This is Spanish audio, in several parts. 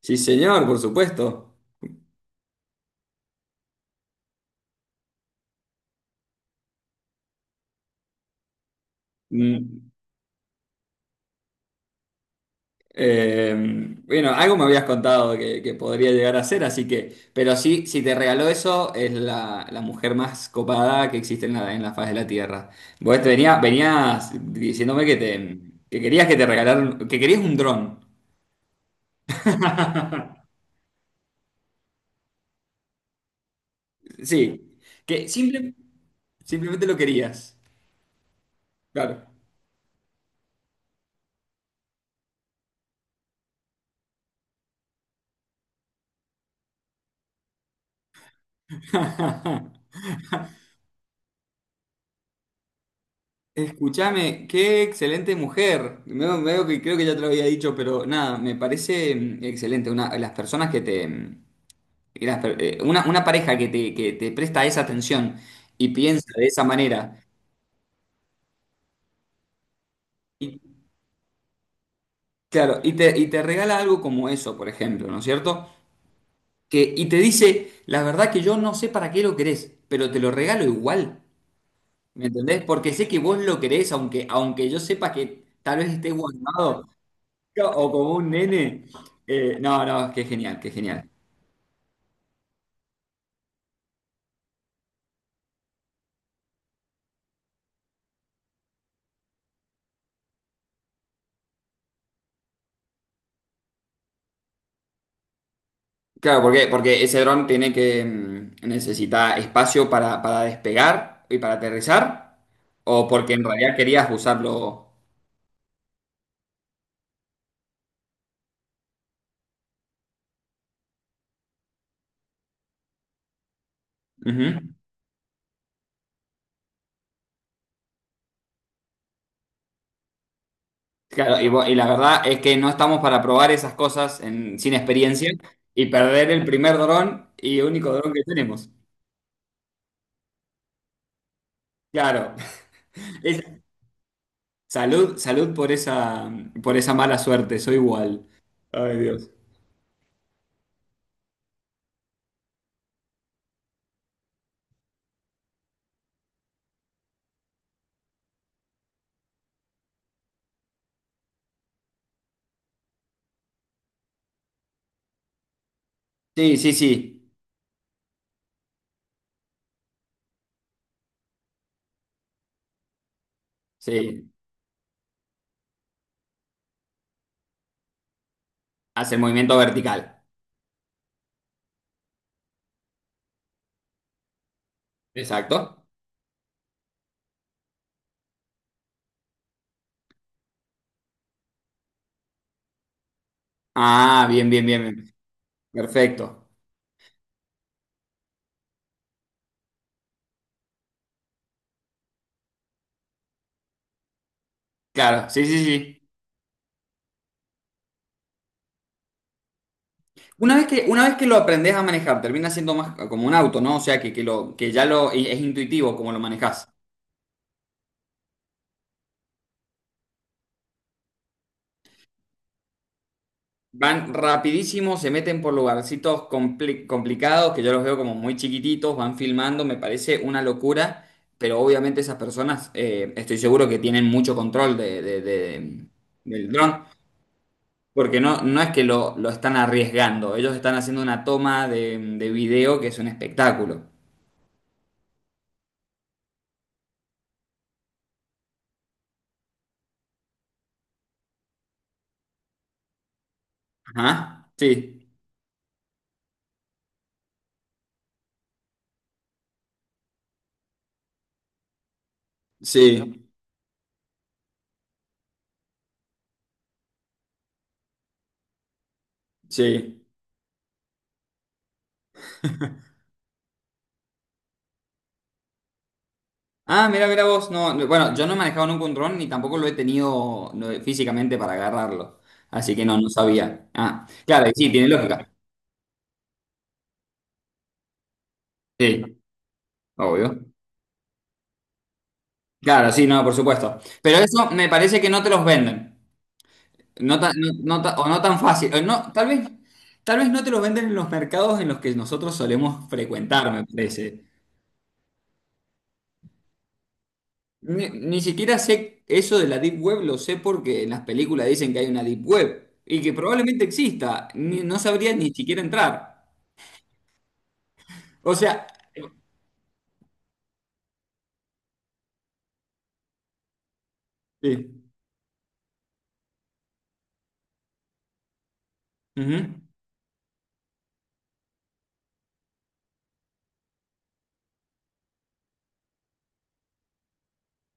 Sí, señor, por supuesto. Mm, eh, bueno, algo me habías contado que podría llegar a ser, así que, pero sí, si te regaló eso, es la mujer más copada que existe en la faz de la Tierra. Vos venías diciéndome que te querías que te regalaran, que querías un dron. Sí, que simple- simplemente lo querías. Claro. Escúchame, qué excelente mujer. Veo que creo que ya te lo había dicho, pero nada, me parece excelente. Una, las personas que te. Mm, una pareja que te presta esa atención y piensa de esa manera. Y, claro, y te regala algo como eso, por ejemplo, ¿no es cierto? Que, y te dice, la verdad que yo no sé para qué lo querés, pero te lo regalo igual. ¿Me entendés? Porque sé que vos lo querés, aunque yo sepa que tal vez estés guardado. O como un nene. No, no, qué genial, qué genial. Claro, ¿por qué? Porque ese dron necesita espacio para despegar y para aterrizar, o porque en realidad querías usarlo. Ujú. Claro, y, y la verdad es que no estamos para probar esas cosas sin experiencia y perder el primer dron y único dron que tenemos. Claro. Es- Salud, salud por esa mala suerte, soy igual. Ay, Dios. Sí, sí, sí. Sí. Hace el movimiento vertical. Exacto. Ah, bien, bien, bien, bien. Perfecto. Claro, sí, sí, sí. Una vez que lo aprendes a manejar, termina siendo más como un auto, ¿no? O sea, que, lo, que ya lo, y es intuitivo como lo manejas. Van rapidísimo, se meten por lugarcitos complicados, que yo los veo como muy chiquititos, van filmando, me parece una locura, pero obviamente esas personas, estoy seguro que tienen mucho control del dron. Porque no, no es que lo están arriesgando, ellos están haciendo una toma de video que es un espectáculo. Ajá, sí, sí, sí. Ah, mira, mira vos, no, no, bueno, yo no he manejado nunca un dron ni tampoco lo he tenido no, físicamente para agarrarlo, así que no, no sabía. Ah, claro, y sí, tiene lógica. Sí, obvio. Claro, sí, no, por supuesto. Pero eso me parece que no te los venden. No tan, no tan fácil. O no, tal vez no te lo venden en los mercados en los que nosotros solemos frecuentar, me parece. Ni siquiera sé eso de la Deep Web, lo sé porque en las películas dicen que hay una Deep Web y que probablemente exista. No sabría ni siquiera entrar. O sea, sí. Ujú.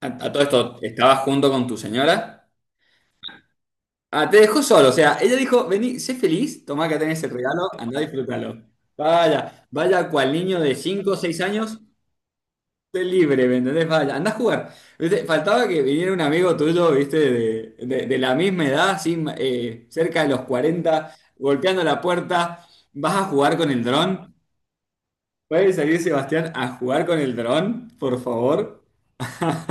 A todo esto, ¿estabas junto con tu señora? Ah, te dejó solo. O sea, ella dijo, vení, sé feliz, tomá que tenés el regalo, andá a disfrútalo. Vaya, vaya cual niño de 5 o 6 años. Esté libre, ¿me entendés? Vaya, andá a jugar. ¿Viste? Faltaba que viniera un amigo tuyo, ¿viste? De la misma edad, así, cerca de los 40, golpeando la puerta. ¿Vas a jugar con el dron? ¿Puede salir Sebastián a jugar con el dron, por favor?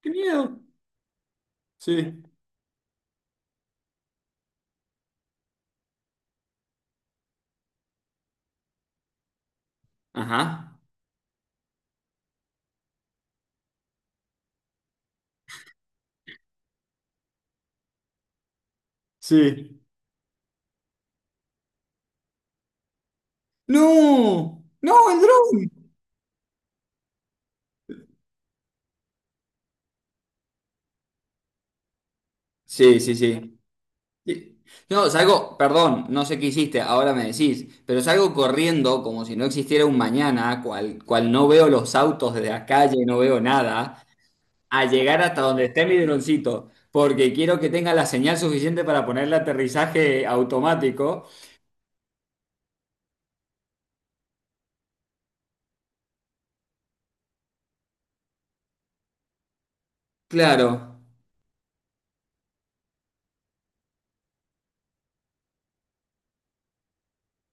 ¡Qué miedo! Sí. Ajá. Sí. ¡No! ¡No, el dron! Sí, sí, sí. Sí. No, salgo, perdón, no sé qué hiciste, ahora me decís, pero salgo corriendo como si no existiera un mañana, cual, cual no veo los autos de la calle, no veo nada, a llegar hasta donde esté mi droncito, porque quiero que tenga la señal suficiente para ponerle aterrizaje automático. Claro,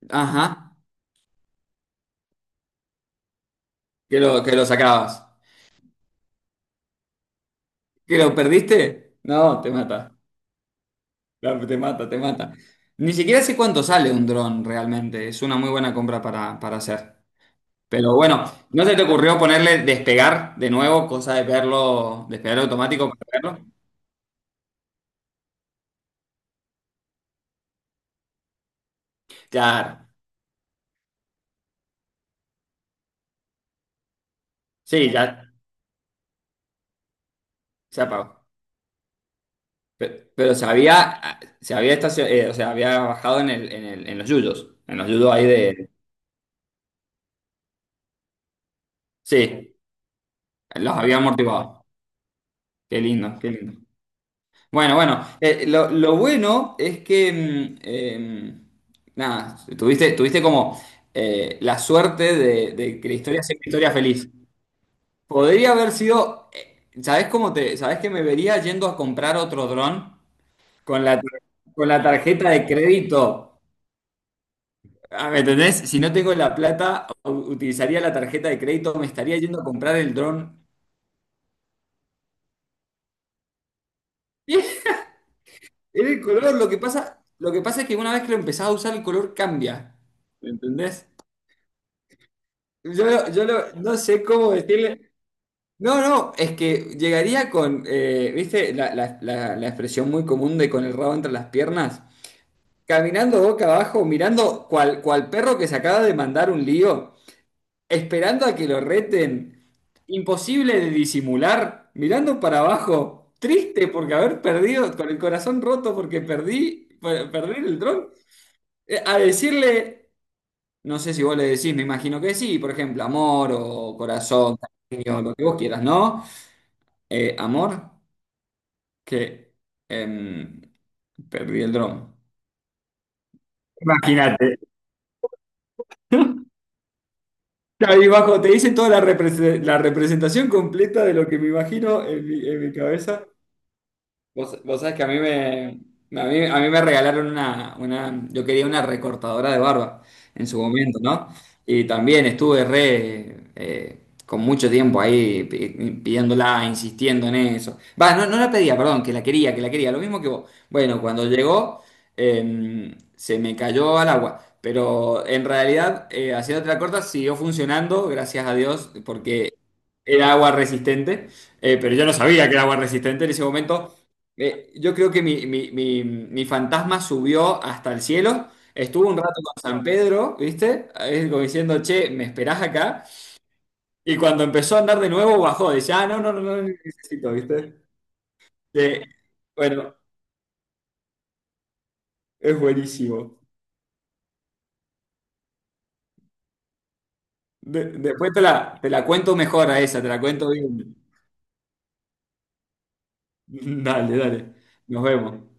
ajá, que lo sacabas. ¿Que lo perdiste? No, te mata. Te mata, te mata. Ni siquiera sé cuánto sale un dron realmente, es una muy buena compra para hacer. Pero bueno, ¿no se te ocurrió ponerle despegar de nuevo, cosa de verlo, despegar automático para verlo? Claro, sí, ya se apagó. Pero, o sea, había bajado en el, en los yuyos ahí de... Sí, los había amortiguado. Qué lindo, qué lindo. Bueno, bueno, lo bueno es que, nada, tuviste como la suerte de que la historia sea una historia feliz. Podría haber sido, sabes que me vería yendo a comprar otro dron con la, tar- con la tarjeta de crédito. Ah, ¿me entendés? Si no tengo la plata, utilizaría la tarjeta de crédito, me estaría yendo a comprar el dron. Era el color, lo que pasa es que una vez que lo empezás a usar, el color cambia. ¿Me entendés? No sé cómo decirle. No, no, es que llegaría con, ¿viste? La expresión muy común de con el rabo entre las piernas. Caminando boca abajo, mirando cual, cual perro que se acaba de mandar un lío, esperando a que lo reten, imposible de disimular, mirando para abajo, triste porque haber perdido, con el corazón roto porque perdí el dron, a decirle, no sé si vos le decís, me imagino que sí, por ejemplo, amor o corazón, cariño, lo que vos quieras, ¿no? Amor, que em, perdí el dron. Imagínate. Ahí bajo, te hice toda la representación completa de lo que me imagino en mi cabeza. Vos sabés que a mí me, a mí me regalaron yo quería una recortadora de barba en su momento, ¿no? Y también estuve con mucho tiempo ahí pidiéndola, insistiendo en eso. Va, no, no la pedía, perdón, que la quería, lo mismo que vos. Bueno, cuando llegó, se me cayó al agua. Pero en realidad, haciéndote la corta, siguió funcionando, gracias a Dios, porque era agua resistente. Pero yo no sabía que era agua resistente en ese momento. Yo creo que mi fantasma subió hasta el cielo, estuvo un rato con San Pedro, ¿viste? Ahí como diciendo, che, ¿me esperás acá? Y cuando empezó a andar de nuevo, bajó, decía ah, no, no, no, no no necesito, ¿viste? Eh, bueno, es buenísimo. Después te la cuento mejor a esa, te la cuento bien. Dale, dale, nos vemos.